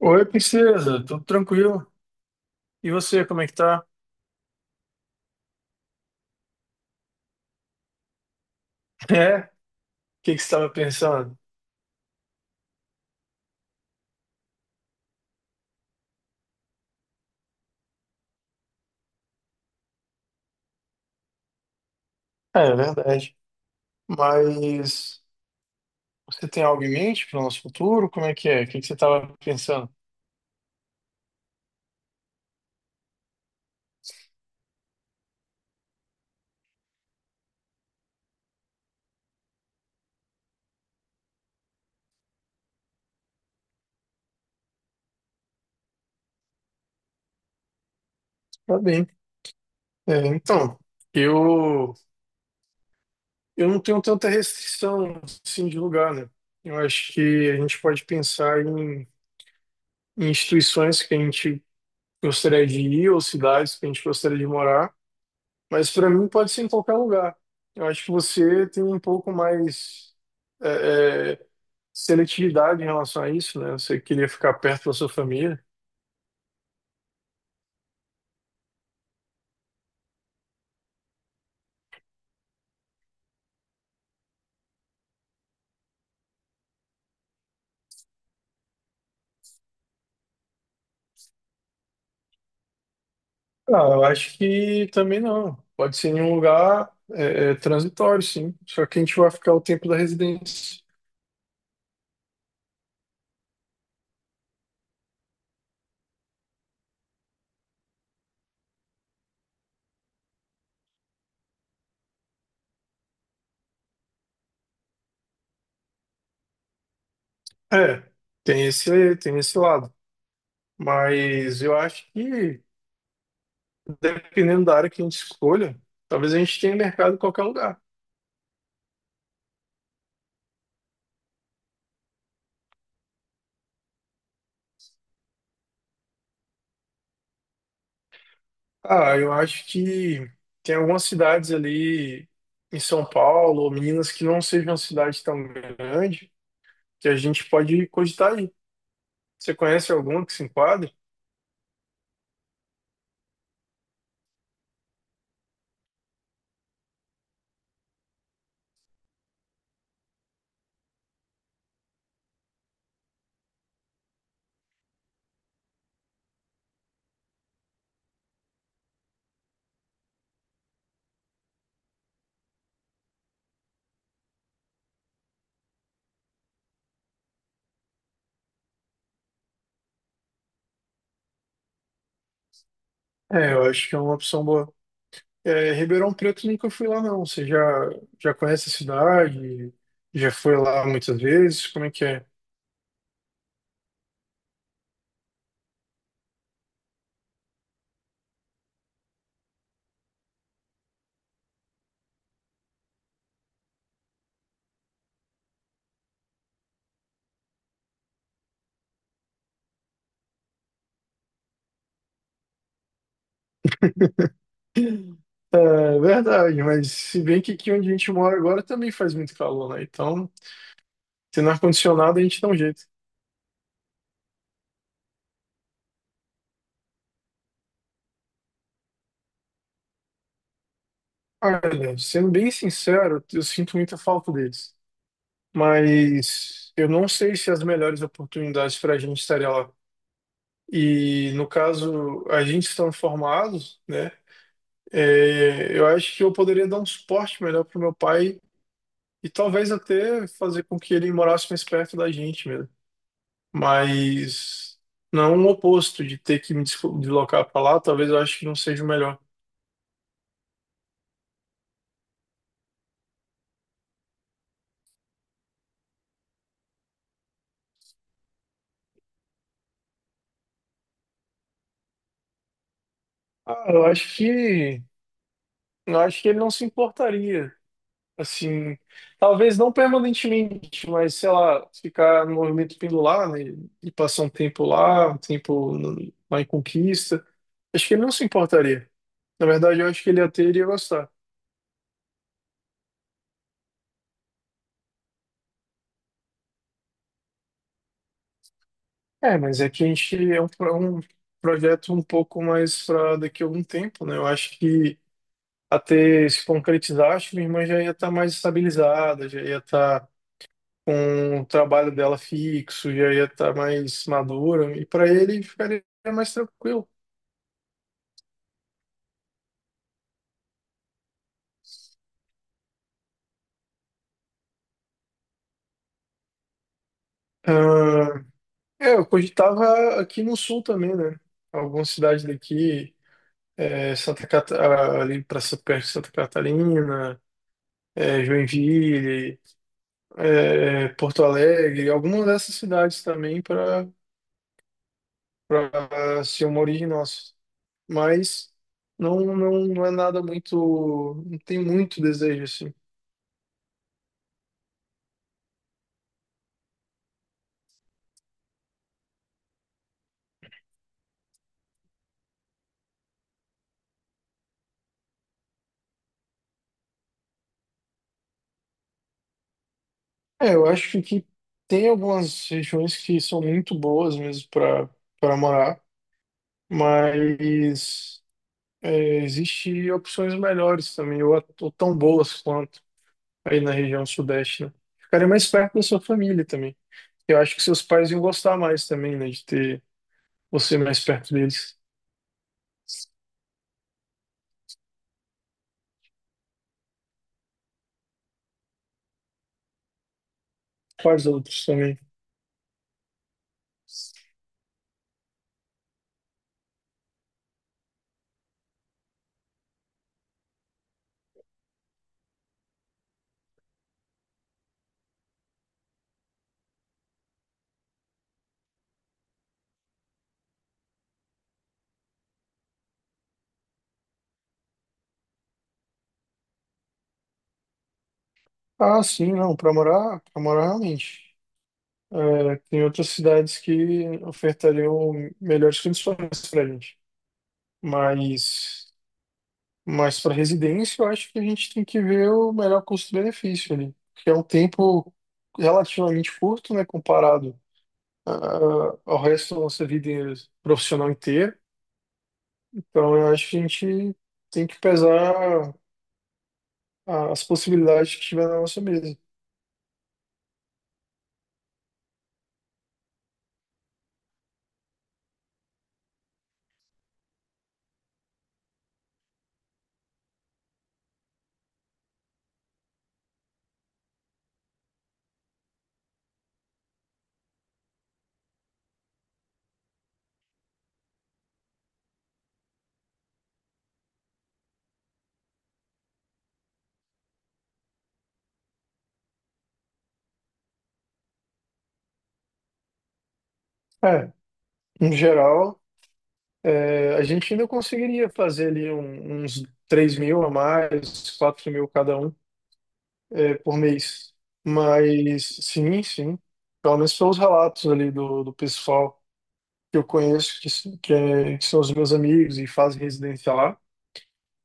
Oi, princesa, tudo tranquilo? E você, como é que tá? É? O que que você estava pensando? É verdade. Mas você tem algo em mente para o nosso futuro? Como é que é? O que que você estava pensando? Tá bem. É, então, eu eu não tenho tanta restrição assim de lugar, né? Eu acho que a gente pode pensar em instituições que a gente gostaria de ir ou cidades que a gente gostaria de morar. Mas para mim pode ser em qualquer lugar. Eu acho que você tem um pouco mais é, é, seletividade em relação a isso, né? Você queria ficar perto da sua família. Ah, eu acho que também não. Pode ser em um lugar transitório, sim. Só que a gente vai ficar o tempo da residência. É, tem esse lado. Mas eu acho que, dependendo da área que a gente escolha, talvez a gente tenha mercado em qualquer lugar. Ah, eu acho que tem algumas cidades ali em São Paulo ou Minas que não sejam uma cidade tão grande que a gente pode cogitar aí. Você conhece alguma que se enquadre? É, eu acho que é uma opção boa. É, Ribeirão Preto nunca fui lá não. Você já conhece a cidade? Já foi lá muitas vezes? Como é que é? É verdade, mas se bem que aqui onde a gente mora agora também faz muito calor, né? Então, tendo ar-condicionado a gente dá um jeito. Olha, sendo bem sincero, eu sinto muita falta deles. Mas eu não sei se as melhores oportunidades para a gente estaria lá. E no caso, a gente estando formados, né? Eu acho que eu poderia dar um suporte melhor para o meu pai e talvez até fazer com que ele morasse mais perto da gente mesmo. Mas não o oposto de ter que me deslocar para lá, talvez eu acho que não seja o melhor. Ah, eu acho que ele não se importaria. Assim, talvez não permanentemente, mas sei lá, ficar no movimento pendular, né? E passar um tempo lá, um tempo lá em Conquista. Acho que ele não se importaria. Na verdade, eu acho que ele até iria gostar. É, mas é que a gente é um projeto um pouco mais para daqui a algum tempo, né? Eu acho que até se concretizar, acho que minha irmã já ia estar mais estabilizada, já ia estar com o trabalho dela fixo, já ia estar mais madura, e para ele ficaria mais tranquilo. Ah, eu cogitava aqui no sul também, né? Algumas cidades daqui, é, ali para perto de Santa Catarina, Joinville, Porto Alegre, algumas dessas cidades também para ser uma origem nossa. Mas não, não, não é nada muito, não tem muito desejo assim. É, eu acho que tem algumas regiões que são muito boas mesmo para morar, mas existe opções melhores também, ou tão boas quanto aí na região sudeste, né? Ficaria mais perto da sua família também. Eu acho que seus pais iam gostar mais também, né, de ter você mais perto deles. Quais outros também? Ah, sim, não, para morar, realmente. É, tem outras cidades que ofertariam melhores condições para gente, mas Mas para residência, eu acho que a gente tem que ver o melhor custo-benefício ali, porque é um tempo relativamente curto, né, comparado ao resto da nossa vida profissional inteira. Então, eu acho que a gente tem que pesar as possibilidades que tiver na nossa mesa. É, em geral, a gente ainda conseguiria fazer ali uns 3.000 a mais, 4.000 cada um. Por mês. Mas sim, sim. Pelo menos pelos relatos ali do pessoal que eu conheço, que, s- que, é- que são os meus amigos e fazem residência lá,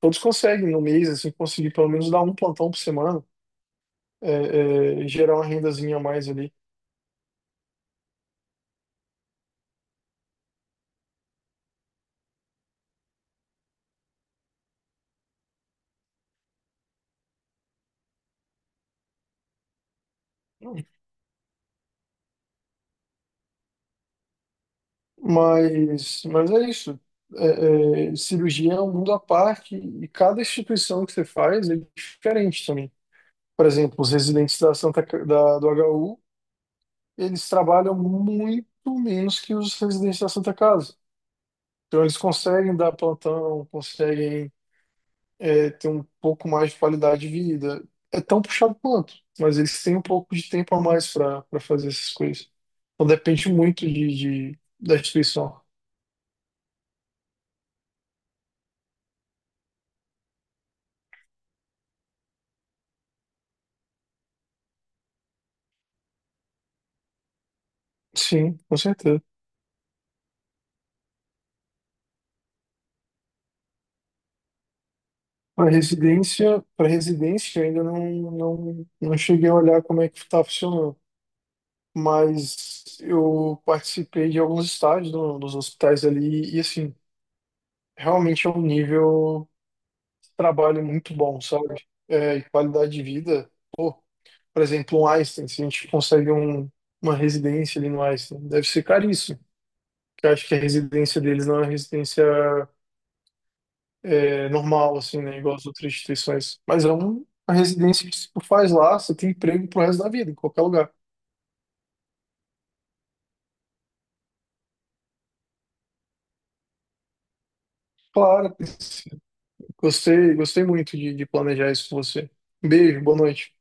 todos conseguem no mês, assim, conseguir pelo menos dar um plantão por semana, é, e gerar uma rendazinha a mais ali. Mas, é isso. É. Cirurgia é um mundo à parte e cada instituição que você faz é diferente também. Por exemplo, os residentes da do HU eles trabalham muito menos que os residentes da Santa Casa. Então, eles conseguem dar plantão, conseguem ter um pouco mais de qualidade de vida. É tão puxado quanto, mas eles têm um pouco de tempo a mais para fazer essas coisas. Então, depende muito da instituição. Sim, com certeza. Para residência, eu ainda não, não, não cheguei a olhar como é que está funcionando, mas eu participei de alguns estágios no, nos hospitais ali e assim, realmente é um nível de trabalho muito bom, sabe? É, e qualidade de vida. Pô, por exemplo, um Einstein, se a gente consegue uma residência ali no Einstein, deve ser caríssimo. Porque eu acho que a residência deles não é uma residência normal, assim, né? Igual as outras instituições. Mas é uma residência que se tu faz lá, você tem emprego pro resto da vida, em qualquer lugar. Claro, gostei muito de planejar isso com você. Um beijo, boa noite.